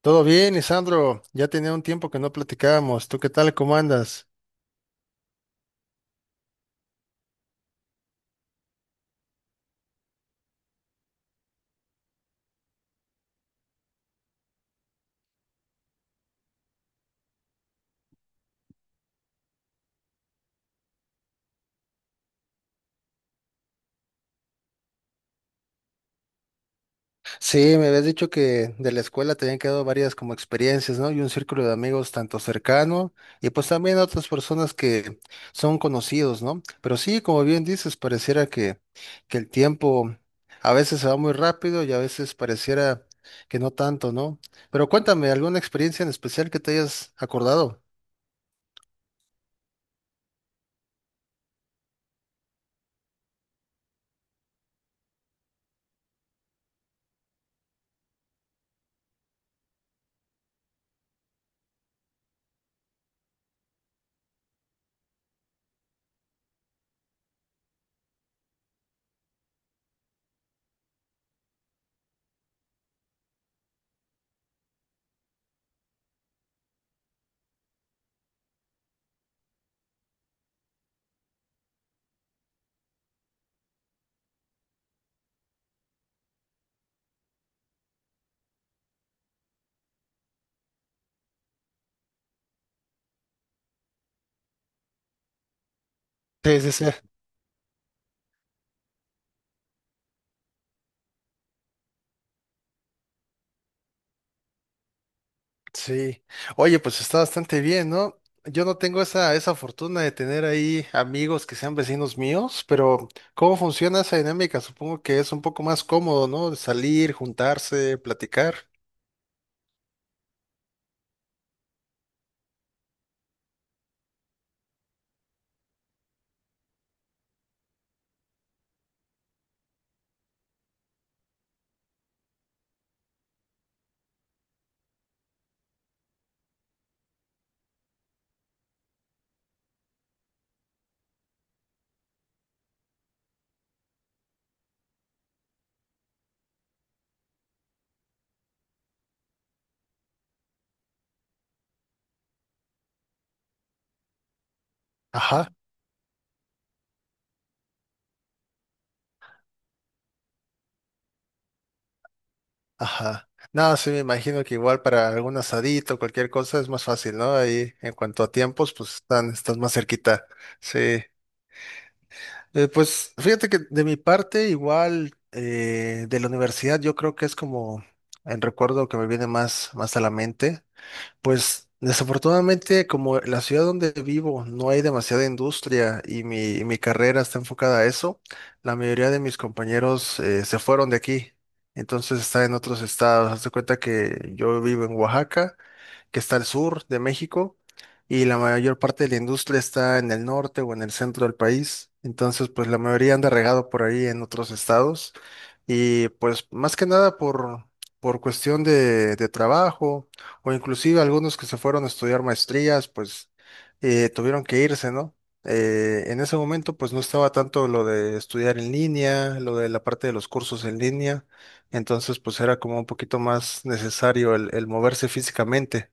Todo bien, Lisandro. Ya tenía un tiempo que no platicábamos. ¿Tú qué tal? ¿Cómo andas? Sí, me habías dicho que de la escuela te habían quedado varias como experiencias, ¿no? Y un círculo de amigos tanto cercano y pues también otras personas que son conocidos, ¿no? Pero sí, como bien dices, pareciera que el tiempo a veces se va muy rápido y a veces pareciera que no tanto, ¿no? Pero cuéntame, ¿alguna experiencia en especial que te hayas acordado? Sí, sí, sí. Sí. Oye, pues está bastante bien, ¿no? Yo no tengo esa fortuna de tener ahí amigos que sean vecinos míos, pero ¿cómo funciona esa dinámica? Supongo que es un poco más cómodo, ¿no? De salir, juntarse, platicar. Ajá, ajá. No, sí, me imagino que igual para algún asadito, cualquier cosa es más fácil, ¿no? Ahí en cuanto a tiempos, pues estás más cerquita. Sí. Pues fíjate que de mi parte, igual de la universidad, yo creo que es como el recuerdo que me viene más, más a la mente. Pues desafortunadamente, como la ciudad donde vivo no hay demasiada industria y mi carrera está enfocada a eso, la mayoría de mis compañeros se fueron de aquí. Entonces está en otros estados. Haz de cuenta que yo vivo en Oaxaca, que está al sur de México, y la mayor parte de la industria está en el norte o en el centro del país. Entonces, pues la mayoría anda regado por ahí en otros estados. Y pues más que nada por cuestión de trabajo o inclusive algunos que se fueron a estudiar maestrías, pues tuvieron que irse, ¿no? En ese momento, pues no estaba tanto lo de estudiar en línea, lo de la parte de los cursos en línea, entonces pues era como un poquito más necesario el moverse físicamente.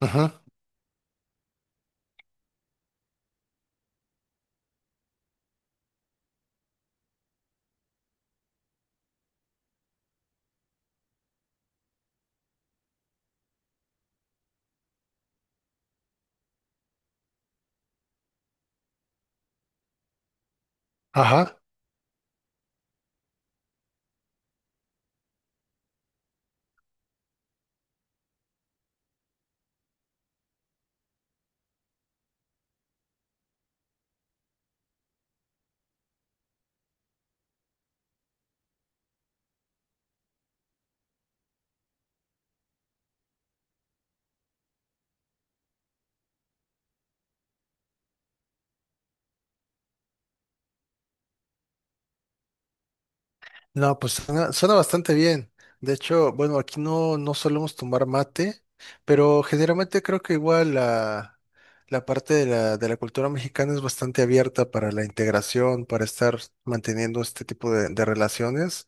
Ajá, ajá. No, pues suena, suena bastante bien. De hecho, bueno, aquí no, no solemos tomar mate, pero generalmente creo que igual la parte de la cultura mexicana es bastante abierta para la integración, para estar manteniendo este tipo de relaciones.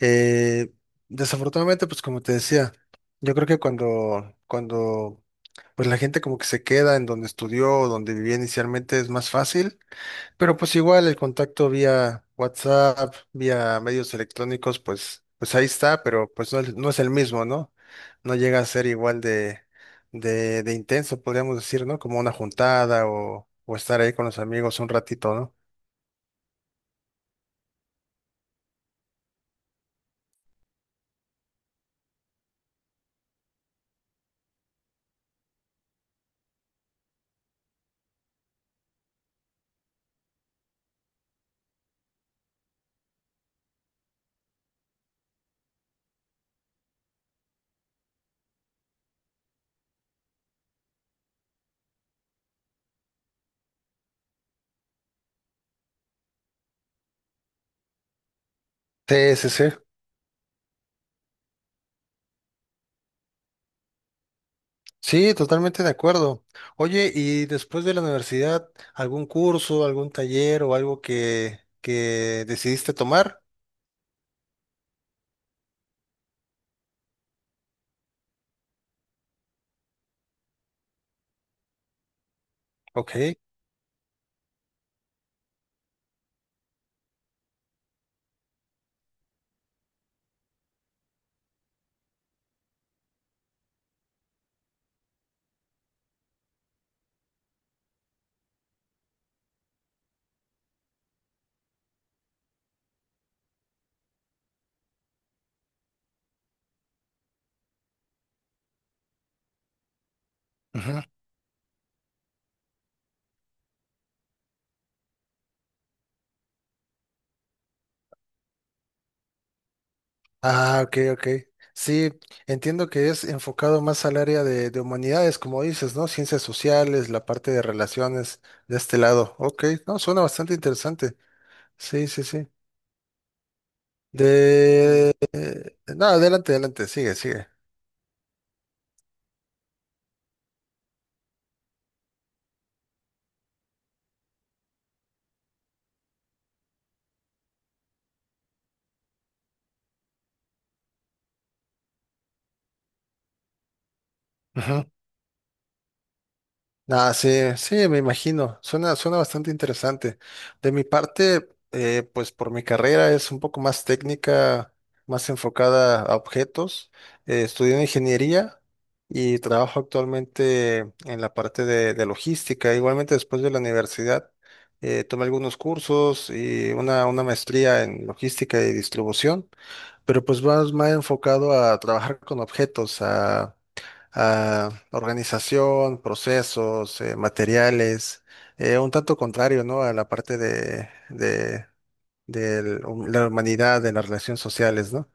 Eh, Desafortunadamente, pues como te decía, yo creo que cuando pues la gente como que se queda en donde estudió, o donde vivía inicialmente, es más fácil. Pero pues igual el contacto vía WhatsApp, vía medios electrónicos, pues, pues ahí está, pero pues no, no es el mismo, ¿no? No llega a ser igual de intenso, podríamos decir, ¿no? Como una juntada o estar ahí con los amigos un ratito, ¿no? Sí, sí, sí. Sí, totalmente de acuerdo. Oye, ¿y después de la universidad, algún curso, algún taller o algo que decidiste tomar? Ok. Ah, ok, ok. Sí, entiendo que es enfocado más al área de humanidades, como dices, ¿no? Ciencias sociales, la parte de relaciones de este lado. Ok, no, suena bastante interesante. Sí, sí, sí. No, adelante, adelante, sigue, sigue. Ujú. Ah, sí, sí, me imagino. Suena, suena bastante interesante. De mi parte, pues por mi carrera es un poco más técnica, más enfocada a objetos. Estudié ingeniería y trabajo actualmente en la parte de logística. Igualmente después de la universidad, tomé algunos cursos y una maestría en logística y distribución, pero pues más, más enfocado a trabajar con objetos, a organización, procesos, materiales, un tanto contrario, ¿no? A la parte del- la humanidad, de las relaciones sociales, ¿no?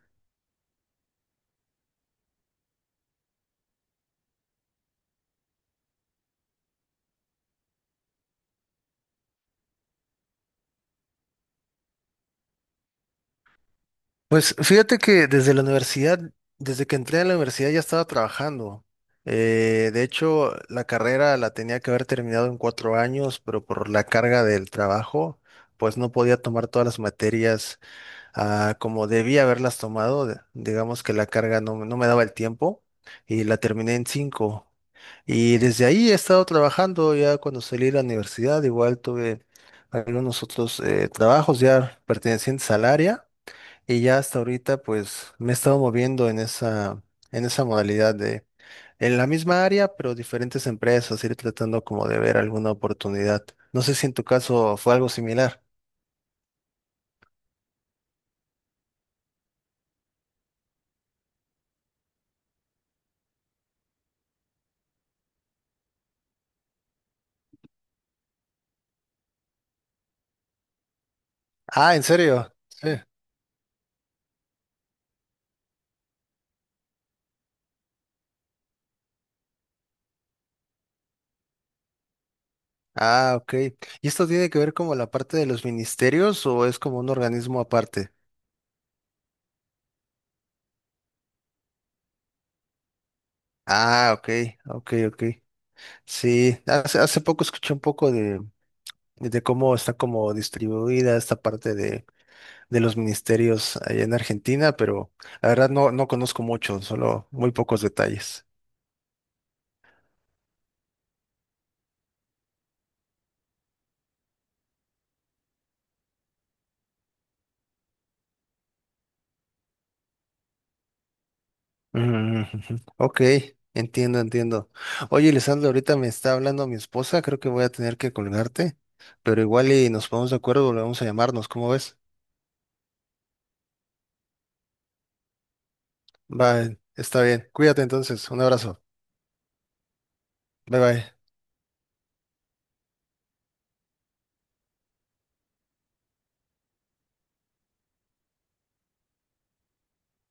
Pues fíjate que desde la universidad, desde que entré a la universidad ya estaba trabajando. De hecho, la carrera la tenía que haber terminado en 4 años, pero por la carga del trabajo, pues no podía tomar todas las materias a como debía haberlas tomado, digamos que la carga no, no me daba el tiempo y la terminé en 5. Y desde ahí he estado trabajando, ya cuando salí de la universidad, igual tuve algunos otros trabajos ya pertenecientes al área y ya hasta ahorita pues me he estado moviendo en esa modalidad de, en la misma área, pero diferentes empresas, ir tratando como de ver alguna oportunidad. No sé si en tu caso fue algo similar. Ah, ¿en serio? Sí. Ah, ok. ¿Y esto tiene que ver como la parte de los ministerios o es como un organismo aparte? Ah, ok, ok, ok. Sí, hace, hace poco escuché un poco de cómo está como distribuida esta parte de los ministerios allá en Argentina, pero la verdad no, no conozco mucho, solo muy pocos detalles. Mm, ujú. Ok, entiendo, entiendo. Oye, Lisandro, ahorita me está hablando mi esposa, creo que voy a tener que colgarte, pero igual y nos ponemos de acuerdo, volvemos a llamarnos, ¿cómo ves? Vale, está bien. Cuídate entonces. Un abrazo. Bye bye.